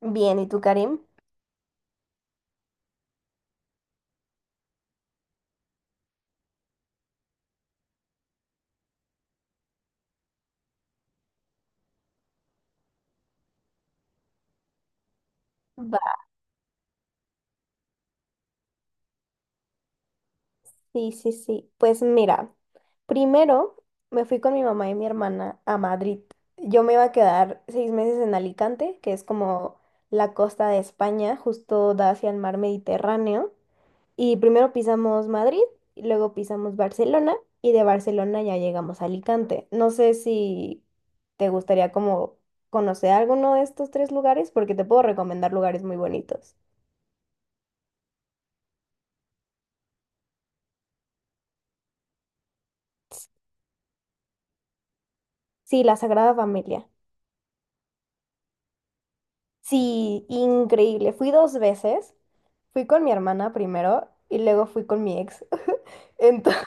Bien, ¿y tú, Karim? Va. Sí, sí, sí. Pues mira, primero me fui con mi mamá y mi hermana a Madrid. Yo me iba a quedar 6 meses en Alicante, que es como la costa de España, justo da hacia el mar Mediterráneo. Y primero pisamos Madrid, y luego pisamos Barcelona y de Barcelona ya llegamos a Alicante. No sé si te gustaría como conocer alguno de estos tres lugares, porque te puedo recomendar lugares muy bonitos. Sí, la Sagrada Familia. Sí, increíble. Fui dos veces. Fui con mi hermana primero y luego fui con mi ex. Entonces,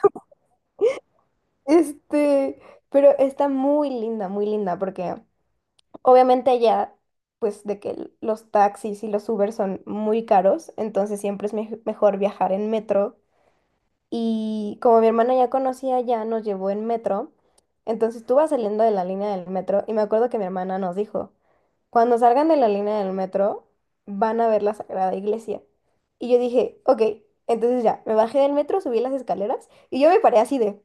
este, pero está muy linda, porque obviamente allá, pues de que los taxis y los Uber son muy caros, entonces siempre es mejor viajar en metro. Y como mi hermana ya conocía, ya nos llevó en metro. Entonces tú vas saliendo de la línea del metro y me acuerdo que mi hermana nos dijo. Cuando salgan de la línea del metro, van a ver la Sagrada Iglesia. Y yo dije, ok, entonces ya, me bajé del metro, subí las escaleras y yo me paré así de,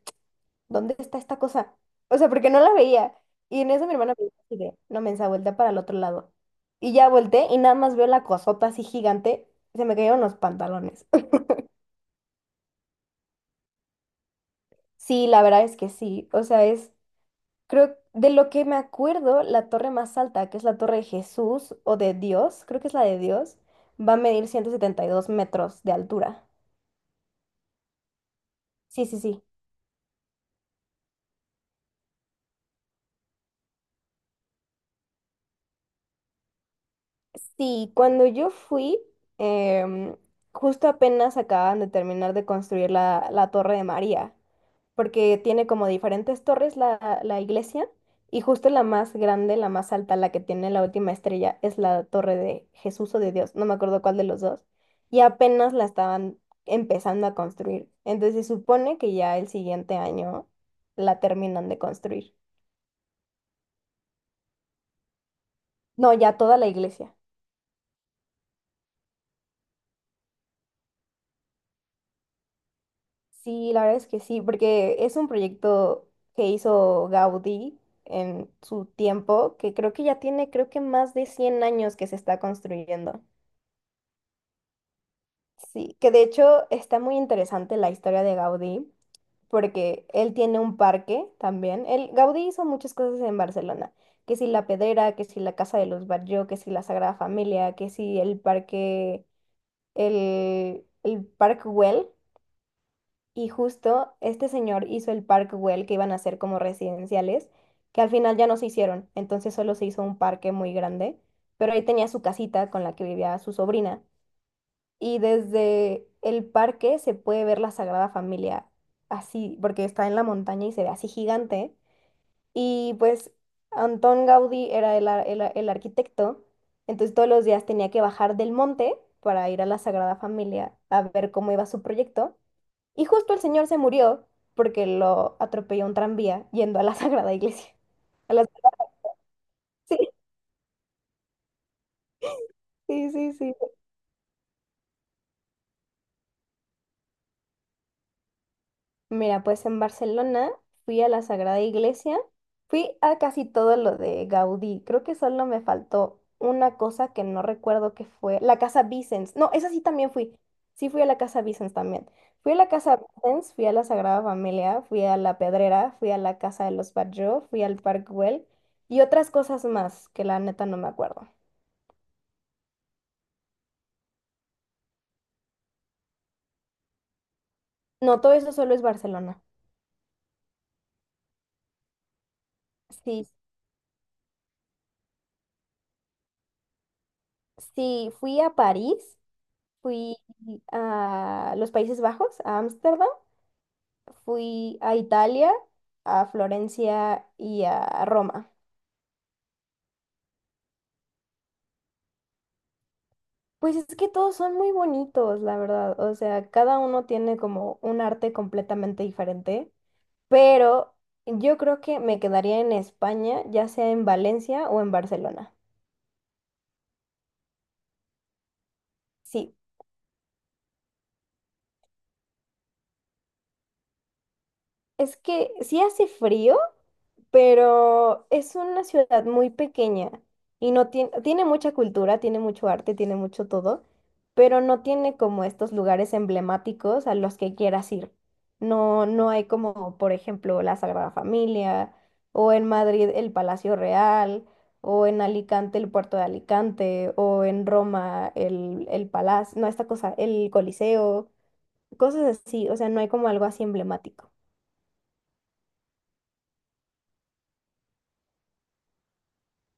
¿dónde está esta cosa? O sea, porque no la veía. Y en eso mi hermana me dijo así de, no mensa, voltea para el otro lado. Y ya volteé y nada más veo la cosota así gigante, se me cayeron los pantalones. Sí, la verdad es que sí, o sea, es. Creo, de lo que me acuerdo, la torre más alta, que es la torre de Jesús o de Dios, creo que es la de Dios, va a medir 172 metros de altura. Sí, sí, sí. Sí, cuando yo fui, em, justo apenas acaban de terminar de construir la Torre de María, porque tiene como diferentes torres la iglesia y justo la más grande, la más alta, la que tiene la última estrella, es la Torre de Jesús o de Dios, no me acuerdo cuál de los dos, y apenas la estaban empezando a construir. Entonces se supone que ya el siguiente año la terminan de construir. No, ya toda la iglesia. Sí, la verdad es que sí, porque es un proyecto que hizo Gaudí en su tiempo, que creo que ya tiene, creo que más de 100 años que se está construyendo. Sí, que de hecho está muy interesante la historia de Gaudí, porque él tiene un parque también. El Gaudí hizo muchas cosas en Barcelona, que si la Pedrera, que si la Casa de los Barrios, que si la Sagrada Familia, que si el parque, el Parc Güell. Y justo este señor hizo el Parkwell que iban a hacer como residenciales, que al final ya no se hicieron, entonces solo se hizo un parque muy grande, pero ahí tenía su casita con la que vivía su sobrina. Y desde el parque se puede ver la Sagrada Familia así, porque está en la montaña y se ve así gigante. Y pues Antón Gaudí era el arquitecto, entonces todos los días tenía que bajar del monte para ir a la Sagrada Familia a ver cómo iba su proyecto. Y justo el señor se murió porque lo atropelló un tranvía yendo a la Sagrada Iglesia. A la- Sí, sí, sí, sí. Mira, pues en Barcelona fui a la Sagrada Iglesia, fui a casi todo lo de Gaudí. Creo que solo me faltó una cosa que no recuerdo que fue, la Casa Vicens. No, esa sí también fui. Sí fui a la Casa Vicens también. Fui a la Casa Vicens, fui a la Sagrada Familia, fui a la Pedrera, fui a la Casa de los Batlló, fui al Parc Güell y otras cosas más que la neta no me acuerdo. No, todo eso solo es Barcelona. Sí, sí, fui a París, fui a los Países Bajos, a Ámsterdam, fui a Italia, a Florencia y a Roma. Pues es que todos son muy bonitos, la verdad. O sea, cada uno tiene como un arte completamente diferente, pero yo creo que me quedaría en España, ya sea en Valencia o en Barcelona. Sí, es que sí hace frío. Pero es una ciudad muy pequeña y no tiene, tiene mucha cultura, tiene mucho arte, tiene mucho todo, pero no tiene como estos lugares emblemáticos a los que quieras ir. No, no hay como, por ejemplo, la Sagrada Familia, o en Madrid el Palacio Real, o en Alicante el Puerto de Alicante, o en Roma el Palacio, no, esta cosa, el Coliseo, cosas así, o sea, no hay como algo así emblemático.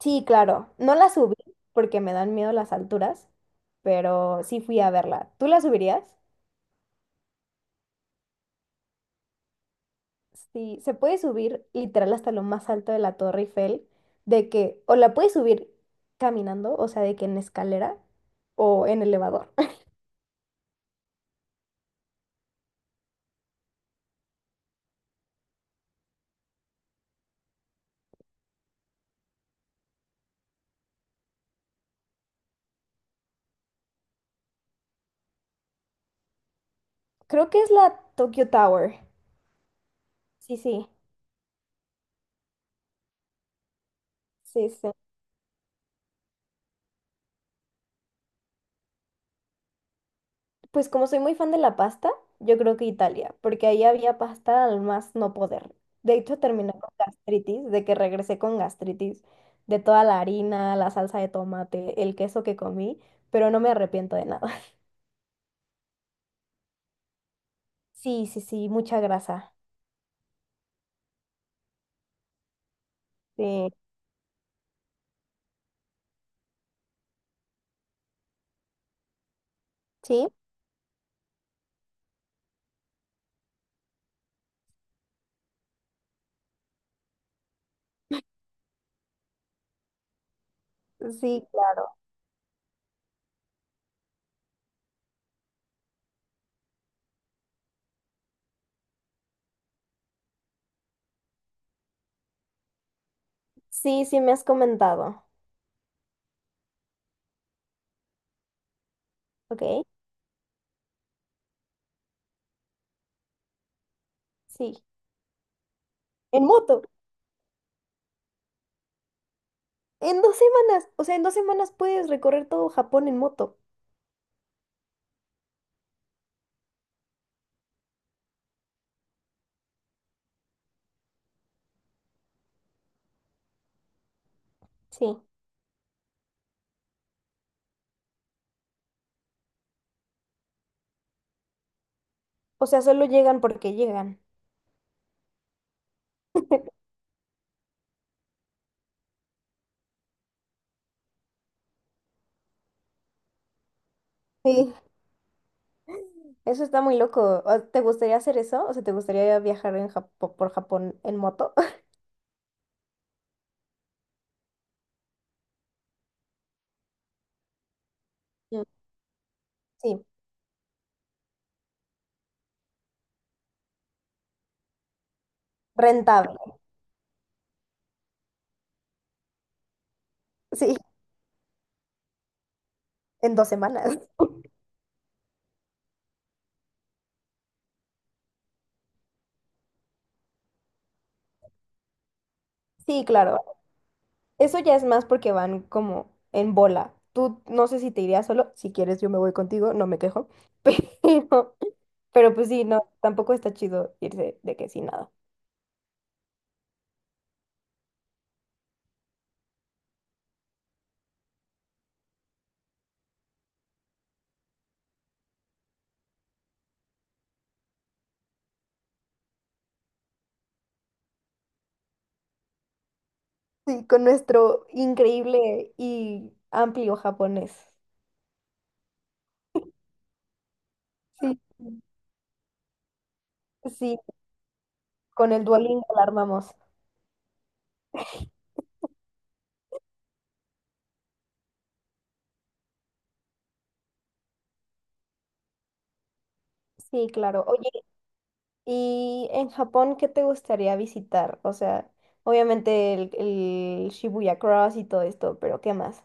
Sí, claro. No la subí porque me dan miedo las alturas, pero sí fui a verla. ¿Tú la subirías? Sí, se puede subir literal hasta lo más alto de la Torre Eiffel, de que o la puedes subir caminando, o sea, de que en escalera o en elevador. Creo que es la Tokyo Tower. Sí, sí, sí, sí. Pues como soy muy fan de la pasta, yo creo que Italia, porque ahí había pasta al más no poder. De hecho, terminé con gastritis, de que regresé con gastritis, de toda la harina, la salsa de tomate, el queso que comí, pero no me arrepiento de nada. Sí, sí, sí, mucha grasa. Sí. ¿Sí? Sí, claro. Sí, sí, me has comentado. Ok, sí. En moto, en 2 semanas. O sea, en 2 semanas puedes recorrer todo Japón en moto. Sí. O sea, solo llegan porque llegan. Sí. Eso está muy loco. O- ¿Te gustaría hacer eso? O sea, ¿te gustaría viajar en Japo- por Japón en moto? Mm. Sí, rentable. Sí, en 2 semanas. Sí, claro. Eso ya es más porque van como en bola. Tú no sé si te irías solo. Si quieres, yo me voy contigo, no me quejo. Pero, pero pues sí, no, tampoco está chido irse de que sin nada. Sí, con nuestro increíble y amplio japonés. Sí, sí, con el Duolingo la armamos. Sí, claro. Y en Japón, ¿qué te gustaría visitar? O sea, obviamente el Shibuya Cross y todo esto, pero ¿qué más?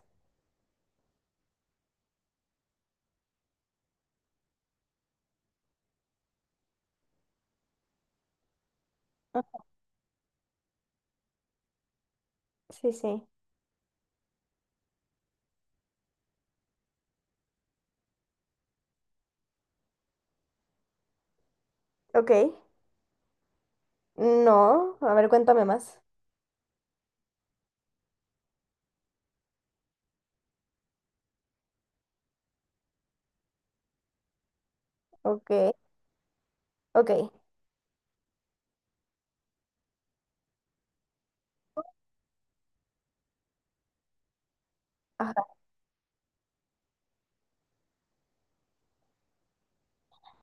Ah, sí, sí. Ok. No, a ver, cuéntame más. Ok, ok. Ajá.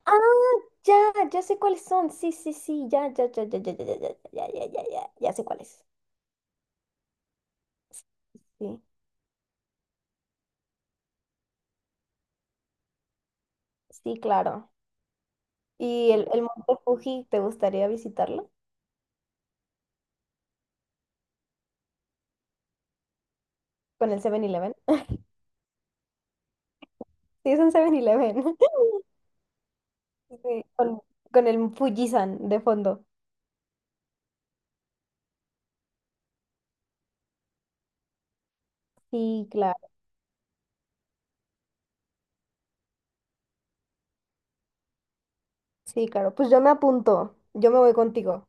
Ah, ya, ya sé cuáles son. Sí, sí, sí, ya, ya, ya, ya, ya, ya, ya, ya, ya, ya, ya, ya, ya sé cuáles. Sí, sí, claro. ¿Y el Monte Fuji, te gustaría visitarlo? Con el 7-Eleven. Sí, es un 7-Eleven. Sí, con el Fujisan de fondo. Sí, claro. Sí, claro. Pues yo me apunto. Yo me voy contigo.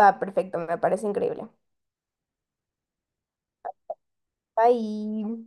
Va, perfecto. Me parece increíble. Bye.